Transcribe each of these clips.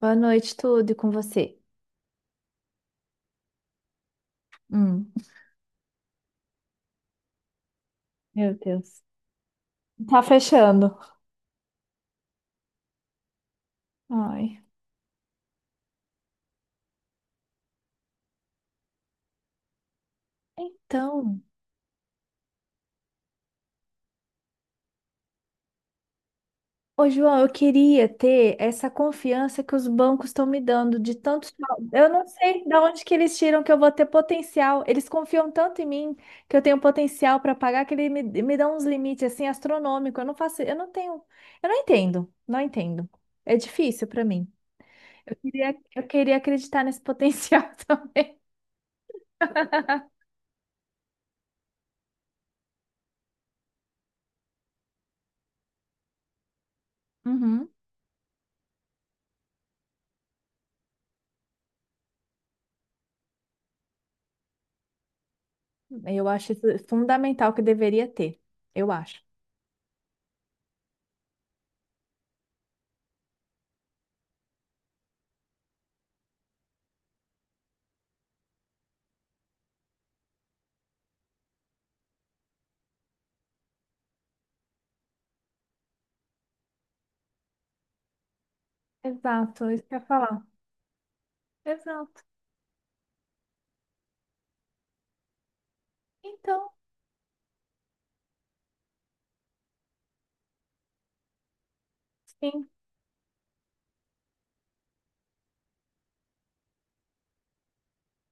Boa noite, tudo e com você. Hum, meu Deus. Tá fechando. Ai. Então, ô João, eu queria ter essa confiança que os bancos estão me dando de tantos. Eu não sei de onde que eles tiram que eu vou ter potencial. Eles confiam tanto em mim que eu tenho potencial para pagar que eles me dão uns limites assim astronômicos. Eu não faço, eu não tenho, eu não entendo, não entendo. É difícil para mim. Eu queria acreditar nesse potencial também. Eu acho isso fundamental que deveria ter. Eu acho. Exato, isso que eu ia falar. Exato. Então, sim.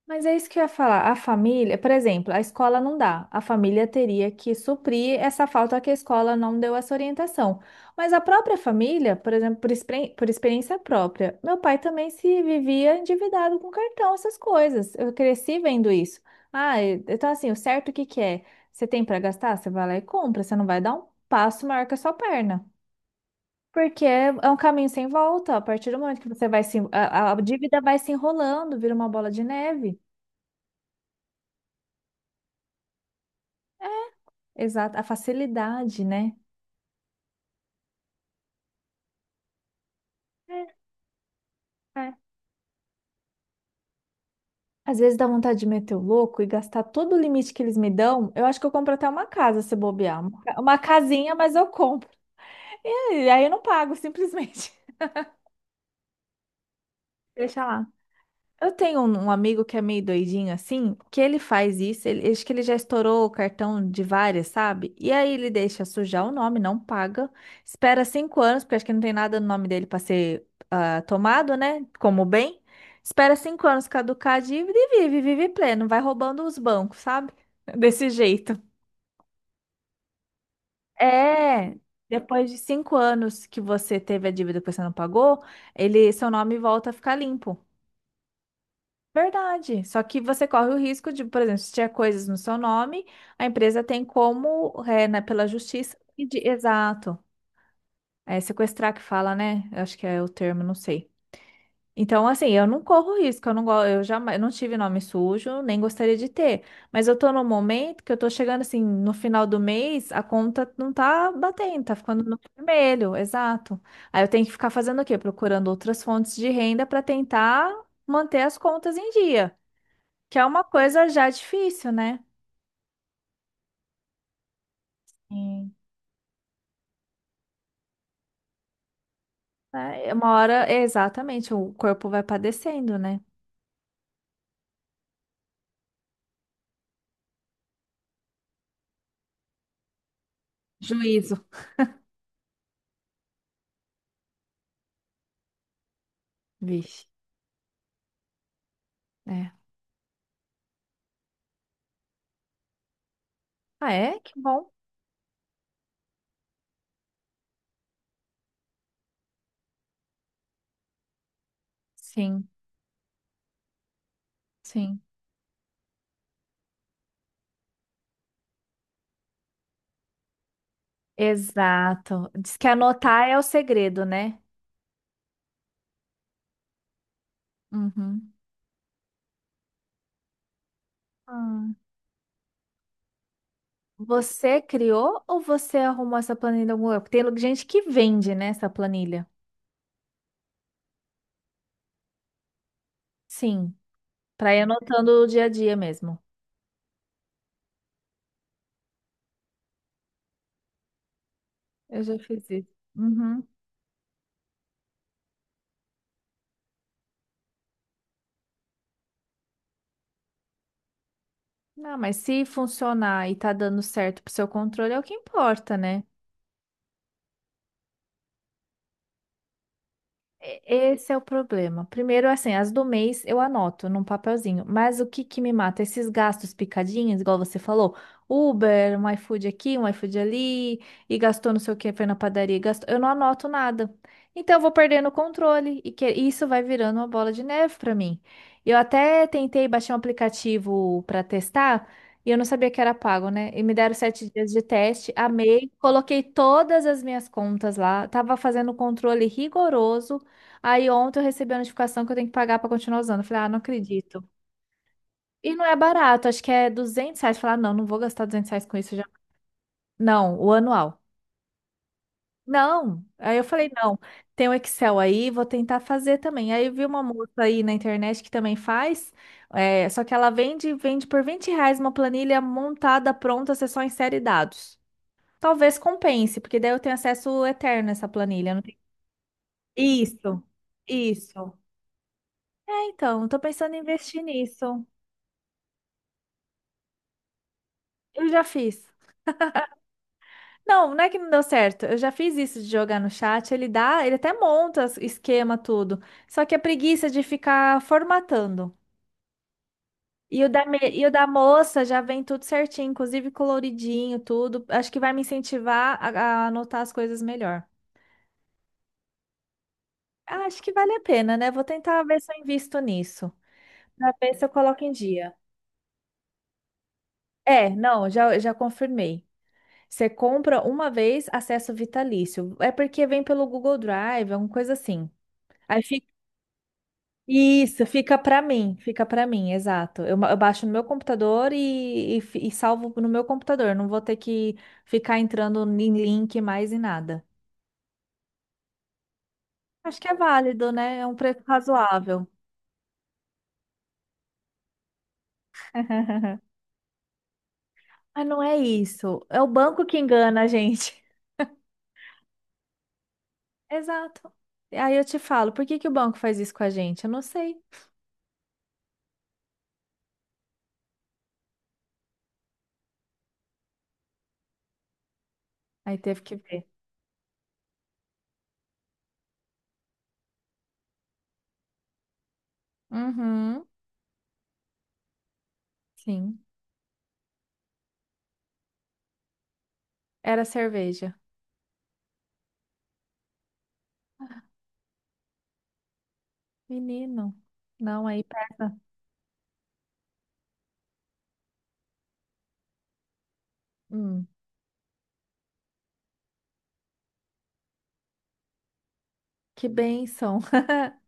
Mas é isso que eu ia falar. A família, por exemplo, a escola não dá. A família teria que suprir essa falta que a escola não deu essa orientação. Mas a própria família, por exemplo, por, por experiência própria, meu pai também se vivia endividado com cartão, essas coisas. Eu cresci vendo isso. Ah, então assim, o certo o que que é? Você tem para gastar? Você vai lá e compra. Você não vai dar um passo maior que a sua perna. Porque é um caminho sem volta. A partir do momento que você vai se. A dívida vai se enrolando, vira uma bola de neve. Exato, a facilidade, né? É, é. Às vezes dá vontade de meter o louco e gastar todo o limite que eles me dão. Eu acho que eu compro até uma casa se bobear. Uma casinha, mas eu compro. E aí eu não pago, simplesmente. Deixa lá. Eu tenho um amigo que é meio doidinho assim, que ele faz isso, ele, acho que ele já estourou o cartão de várias, sabe? E aí ele deixa sujar o nome, não paga, espera 5 anos, porque acho que não tem nada no nome dele para ser ah, tomado, né? Como bem. Espera cinco anos caducar a dívida e vive, vive pleno, vai roubando os bancos, sabe? Desse jeito. É, depois de 5 anos que você teve a dívida que você não pagou, ele, seu nome volta a ficar limpo. Verdade. Só que você corre o risco de, por exemplo, se tiver coisas no seu nome, a empresa tem como, é, né, pela justiça, exato. É sequestrar que fala, né? Eu acho que é o termo, não sei. Então, assim, eu não corro risco, eu não, eu jamais, eu não tive nome sujo, nem gostaria de ter. Mas eu tô num momento que eu tô chegando assim, no final do mês, a conta não tá batendo, tá ficando no vermelho, exato. Aí eu tenho que ficar fazendo o quê? Procurando outras fontes de renda para tentar manter as contas em dia. Que é uma coisa já difícil, né? Sim. É, uma hora, é, exatamente, o corpo vai padecendo, né? Juízo. Vixe. É. Ah, é? Que bom. Sim, sim. Exato. Diz que anotar é o segredo, né? Uhum. Ah. Você criou ou você arrumou essa planilha em algum lugar? Porque tem gente que vende, né, essa planilha. Sim, para ir anotando o dia a dia mesmo. Eu já fiz isso. Uhum. Não, mas se funcionar e tá dando certo pro seu controle, é o que importa, né? Esse é o problema. Primeiro, assim, as do mês eu anoto num papelzinho, mas o que que me mata? Esses gastos picadinhos, igual você falou, Uber, um iFood aqui, um iFood ali, e gastou não sei o que, foi na padaria, e gastou. Eu não anoto nada. Então, eu vou perdendo o controle, e isso vai virando uma bola de neve para mim. Eu até tentei baixar um aplicativo para testar, e eu não sabia que era pago, né? E me deram 7 dias de teste, amei, coloquei todas as minhas contas lá, tava fazendo um controle rigoroso. Aí ontem eu recebi a notificação que eu tenho que pagar pra continuar usando. Eu falei, ah, não acredito. E não é barato, acho que é R$ 200. Eu falei, ah, não, não vou gastar R$ 200 com isso já. Não, o anual. Não. Aí eu falei, não, tem o Excel aí, vou tentar fazer também. Aí eu vi uma moça aí na internet que também faz, é, só que ela vende, vende por R$ 20 uma planilha montada, pronta, você só insere dados. Talvez compense, porque daí eu tenho acesso eterno a essa planilha. Não tem- Isso, isso. É, então, tô pensando em investir nisso. Eu já fiz. Não, não é que não deu certo. Eu já fiz isso de jogar no chat. Ele dá, ele até monta esquema tudo. Só que a preguiça de ficar formatando. E o da, me- e o da moça já vem tudo certinho, inclusive coloridinho, tudo. Acho que vai me incentivar a anotar as coisas melhor. Acho que vale a pena, né? Vou tentar ver se eu invisto nisso. Pra ver se eu coloco em dia. É, não, já confirmei. Você compra uma vez, acesso vitalício. É porque vem pelo Google Drive, alguma coisa assim. Aí isso, fica pra mim, exato. Eu baixo no meu computador e salvo no meu computador. Não vou ter que ficar entrando em link mais e nada. Acho que é válido, né? É um preço razoável. Mas não é isso. É o banco que engana a gente. Exato. E aí eu te falo, por que que o banco faz isso com a gente? Eu não sei. Aí teve que ver. Uhum, sim. Era cerveja. Menino. Não, aí pesa. Hum, que bênção.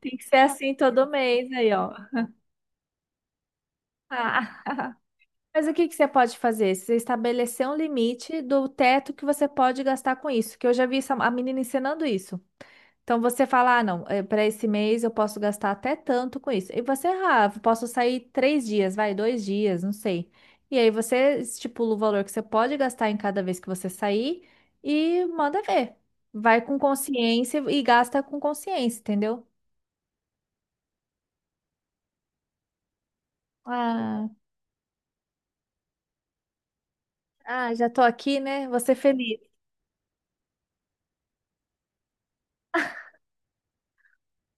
Tem que ser assim todo mês aí, ó. Ah. Mas o que que você pode fazer? Você estabelecer um limite do teto que você pode gastar com isso, que eu já vi a menina ensinando isso. Então você fala, ah, não, para esse mês eu posso gastar até tanto com isso. E você, ah, eu posso sair 3 dias, vai, 2 dias, não sei. E aí você estipula o valor que você pode gastar em cada vez que você sair e manda ver. Vai com consciência e gasta com consciência, entendeu? Ah, já tô aqui, né? Vou ser feliz.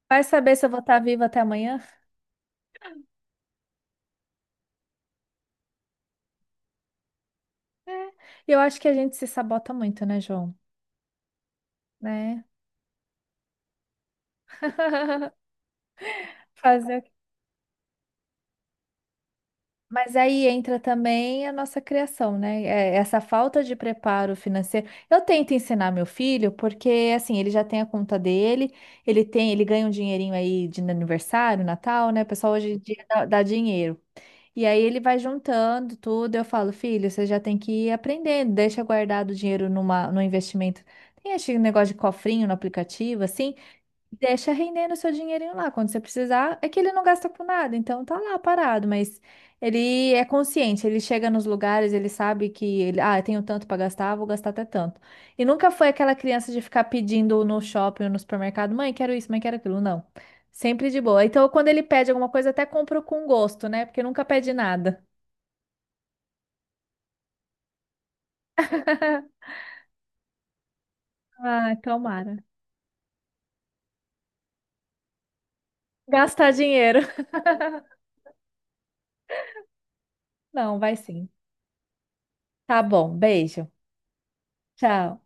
Vai saber se eu vou estar viva até amanhã? É. E eu acho que a gente se sabota muito, né, João? Né? Fazer o quê? Mas aí entra também a nossa criação, né? É, essa falta de preparo financeiro. Eu tento ensinar meu filho, porque assim, ele já tem a conta dele, ele tem, ele ganha um dinheirinho aí de aniversário, Natal, né? O pessoal hoje em dia dá dinheiro. E aí ele vai juntando tudo. Eu falo, filho, você já tem que ir aprendendo, deixa guardado o dinheiro numa, no investimento. Tem esse negócio de cofrinho no aplicativo, assim. Deixa rendendo o seu dinheirinho lá. Quando você precisar, é que ele não gasta com nada, então tá lá parado, mas ele é consciente, ele chega nos lugares, ele sabe que ele, ah, eu tenho tanto pra gastar, vou gastar até tanto. E nunca foi aquela criança de ficar pedindo no shopping ou no supermercado, mãe, quero isso, mãe, quero aquilo. Não. Sempre de boa. Então, quando ele pede alguma coisa, até compro com gosto, né? Porque nunca pede nada. Ah, tomara. Gastar dinheiro. Não, vai sim. Tá bom, beijo. Tchau.